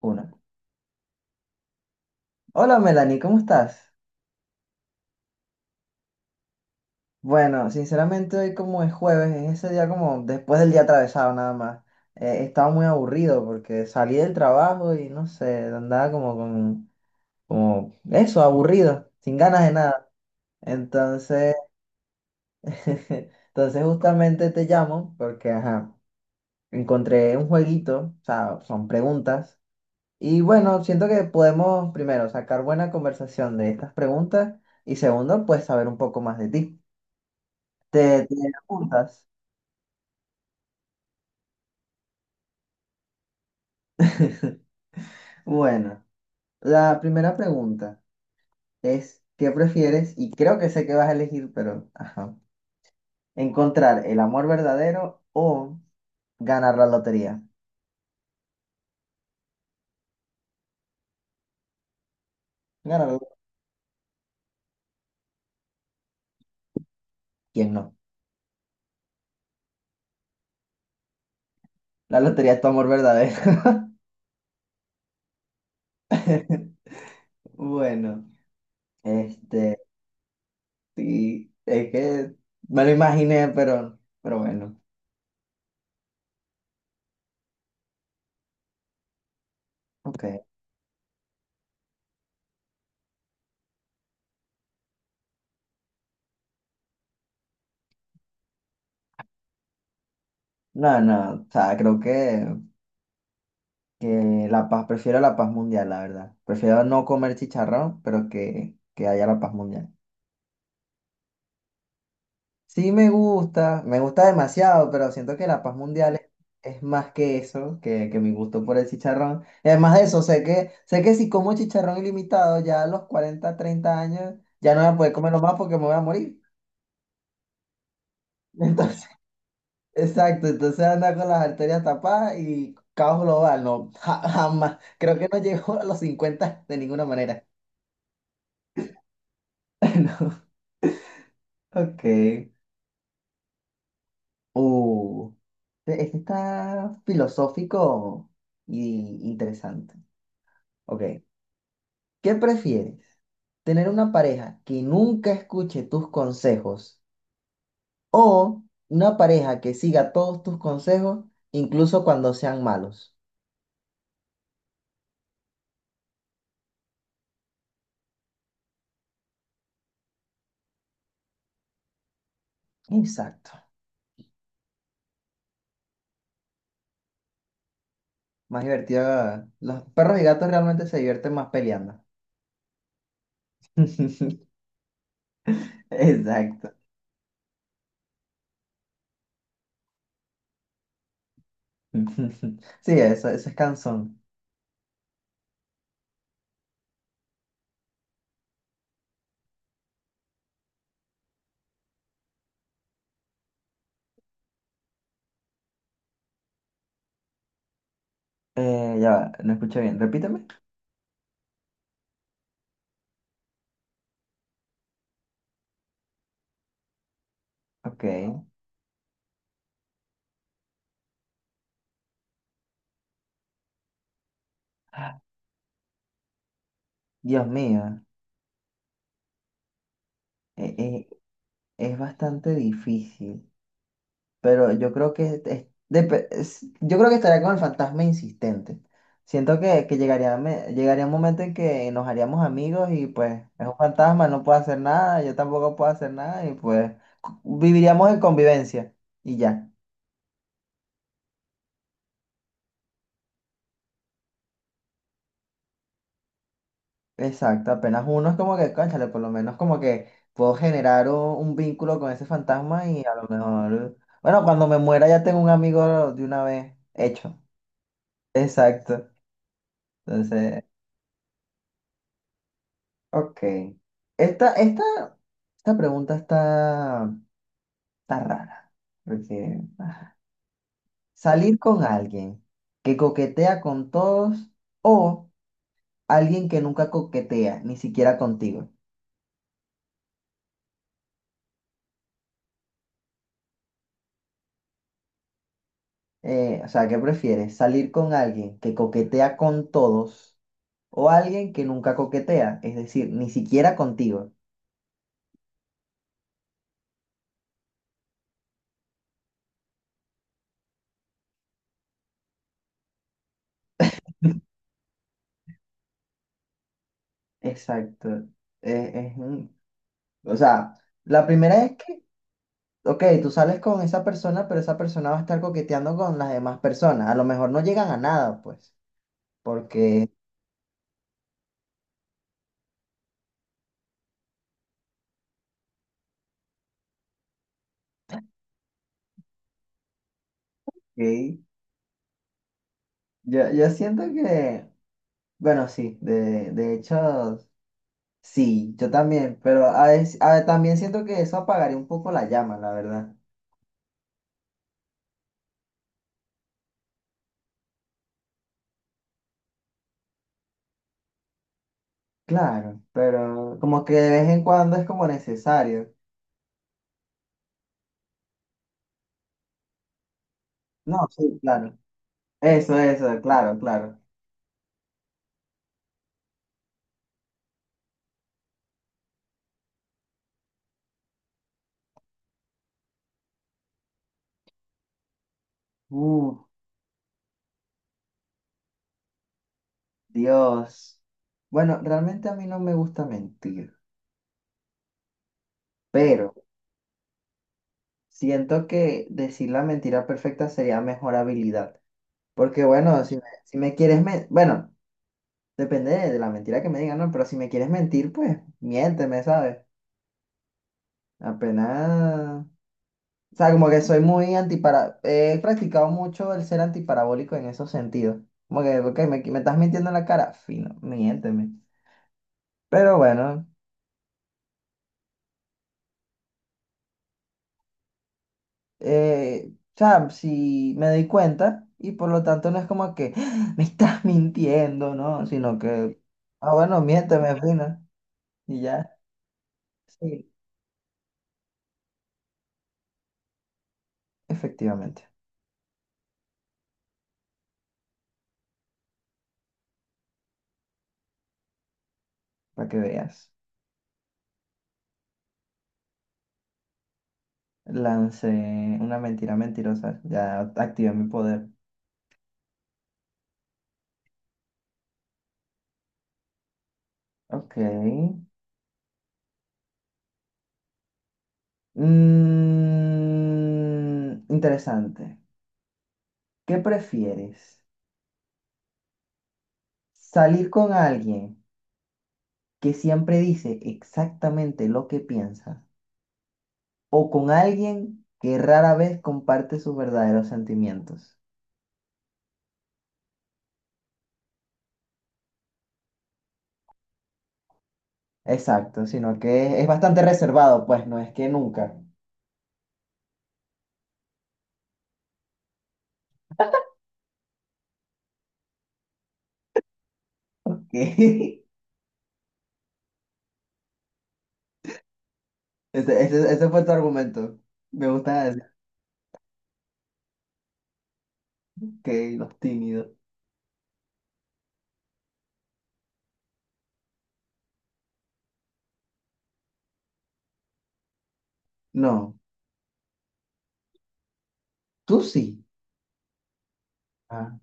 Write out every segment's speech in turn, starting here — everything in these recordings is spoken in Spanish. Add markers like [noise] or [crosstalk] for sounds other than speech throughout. Uno. Hola Melanie, ¿cómo estás? Bueno, sinceramente hoy como es jueves, es ese día como después del día atravesado nada más. Estaba muy aburrido porque salí del trabajo y no sé, andaba como eso, aburrido, sin ganas de nada. Entonces, [laughs] entonces justamente te llamo porque, ajá, encontré un jueguito, o sea, son preguntas. Y bueno, siento que podemos primero sacar buena conversación de estas preguntas y segundo, pues saber un poco más de ti. Te apuntas. [laughs] Bueno, la primera pregunta es, ¿qué prefieres? Y creo que sé que vas a elegir, pero, ajá. ¿Encontrar el amor verdadero o ganar la lotería? Ganar la- ¿Quién no? La lotería es tu amor verdadero. [laughs] Bueno, este, sí, es que me lo imaginé, pero bueno, ok. No, no, o sea, creo que la paz, prefiero la paz mundial, la verdad. Prefiero no comer chicharrón, pero que haya la paz mundial. Sí me gusta demasiado, pero siento que la paz mundial es más que eso, que mi gusto por el chicharrón. Y además de eso, sé que si como chicharrón ilimitado, ya a los 40 30 años, ya no voy a poder comerlo más porque me voy a morir. [laughs] Entonces, exacto, entonces anda con las arterias tapadas y caos global, no, jamás. Creo que no llego a los 50 de ninguna manera. [laughs] No. Ok. Uh, este está filosófico y interesante. Ok. ¿Qué prefieres? ¿Tener una pareja que nunca escuche tus consejos o una pareja que siga todos tus consejos, incluso cuando sean malos? Exacto. Más divertido. Los perros y gatos realmente se divierten más peleando. [laughs] Exacto. [laughs] Sí, eso es cansón. Ya va, no escuché bien. Repíteme. Ok. Dios mío, e- e- es bastante difícil, pero yo creo que estaría con el fantasma insistente. Siento que llegaría, llegaría un momento en que nos haríamos amigos y pues es un fantasma, no puede hacer nada, yo tampoco puedo hacer nada y pues viviríamos en convivencia y ya. Exacto, apenas uno es como que, cónchale, por lo menos como que puedo generar un vínculo con ese fantasma y a lo mejor, bueno, cuando me muera ya tengo un amigo de una vez hecho. Exacto. Entonces, ok. Esta, esta, esta pregunta está rara. Porque salir con alguien que coquetea con todos o alguien que nunca coquetea, ni siquiera contigo. O sea, ¿qué prefieres? ¿Salir con alguien que coquetea con todos o alguien que nunca coquetea? Es decir, ni siquiera contigo. Exacto. Eh, es un- o sea, la primera es que ok, tú sales con esa persona, pero esa persona va a estar coqueteando con las demás personas. A lo mejor no llegan a nada, pues, porque ok, yo siento que, bueno, sí, de hecho, sí, yo también, pero también siento que eso apagaría un poco la llama, la verdad. Claro, pero como que de vez en cuando es como necesario. No, sí, claro. Eso, claro, claro. Uh, Dios. Bueno, realmente a mí no me gusta mentir, pero siento que decir la mentira perfecta sería mejor habilidad. Porque bueno, si me quieres mentir, bueno, depende de la mentira que me digan, ¿no? Pero si me quieres mentir, pues miénteme, ¿sabes? Apenas... O sea, como que soy muy. He practicado mucho el ser antiparabólico en esos sentidos. Como que, ok, me estás mintiendo en la cara, fino, miénteme. Pero bueno. O sea, si me doy cuenta y por lo tanto no es como que "Ah, me estás mintiendo, ¿no? Sino que, ah, bueno, miénteme, fina, y ya. Sí, efectivamente, para que veas. Lancé una mentira mentirosa, ya activé mi poder. Ok. Mm, interesante. ¿Qué prefieres? ¿Salir con alguien que siempre dice exactamente lo que piensa, o con alguien que rara vez comparte sus verdaderos sentimientos? Exacto, sino que es bastante reservado, pues no es que nunca. [laughs] Ese fue tu argumento. Me gusta decir que los tímidos. No, tú sí. Ah,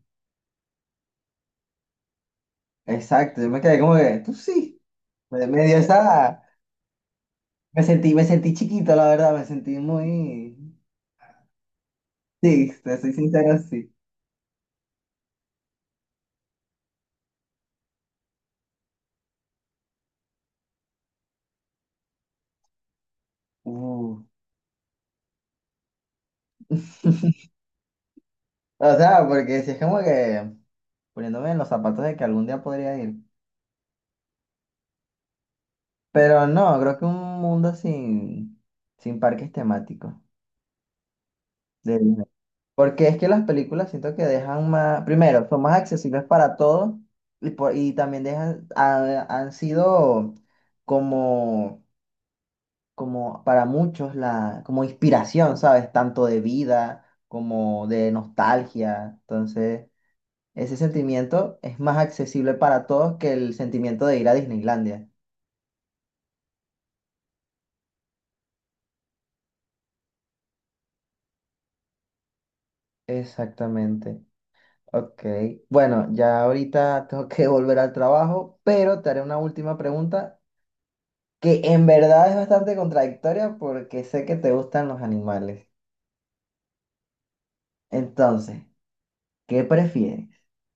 exacto, yo me quedé como que tú sí. Me dio esa. Me sentí chiquito, la verdad, me sentí muy. Sí, te soy sincero, sí. Uh, O sea, porque si es como que poniéndome en los zapatos de que algún día podría ir. Pero no, creo que un mundo sin, parques temáticos de Disney. Porque es que las películas siento que dejan más, primero, son más accesibles para todos y, y también dejan, han sido como, como para muchos la, como inspiración, ¿sabes? Tanto de vida como de nostalgia. Entonces, ese sentimiento es más accesible para todos que el sentimiento de ir a Disneylandia. Exactamente. Ok, bueno, ya ahorita tengo que [laughs] volver al trabajo, pero te haré una última pregunta que en verdad es bastante contradictoria porque sé que te gustan los animales. Entonces, ¿qué prefieres?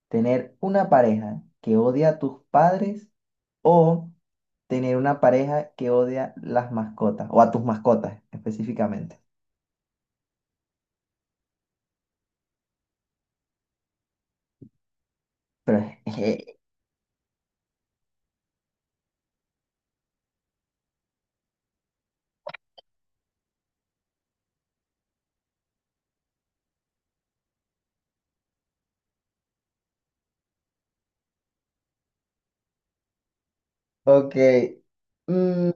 ¿Tener una pareja que odia a tus padres o tener una pareja que odia las mascotas o a tus mascotas específicamente? Pero, [laughs] ok, mm,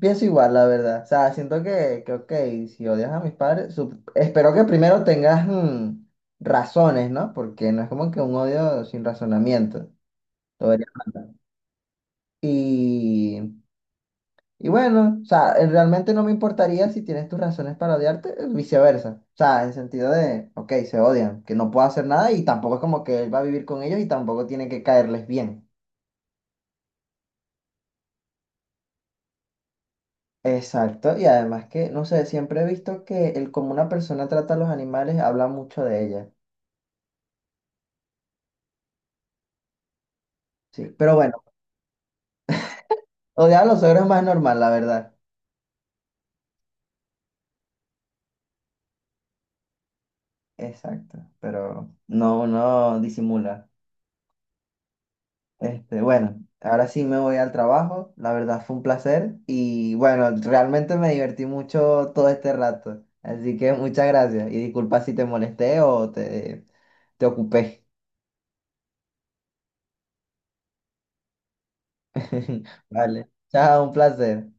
pienso igual, la verdad. O sea, siento que ok, si odias a mis padres, espero que primero tengas razones, ¿no? Porque no es como que un odio sin razonamiento. Lo vería mal. Y, y bueno, o sea, realmente no me importaría si tienes tus razones para odiarte, viceversa. O sea, en sentido de, ok, se odian, que no puedo hacer nada y tampoco es como que él va a vivir con ellos y tampoco tiene que caerles bien. Exacto, y además que, no sé, siempre he visto que el cómo una persona trata a los animales habla mucho de ella. Sí, pero bueno, odiar a los suegros es más normal, la verdad. Exacto, pero no, no disimula. Bueno, ahora sí me voy al trabajo, la verdad fue un placer y bueno, realmente me divertí mucho todo este rato, así que muchas gracias y disculpa si te molesté o te, ocupé. [laughs] Vale, chao, un placer.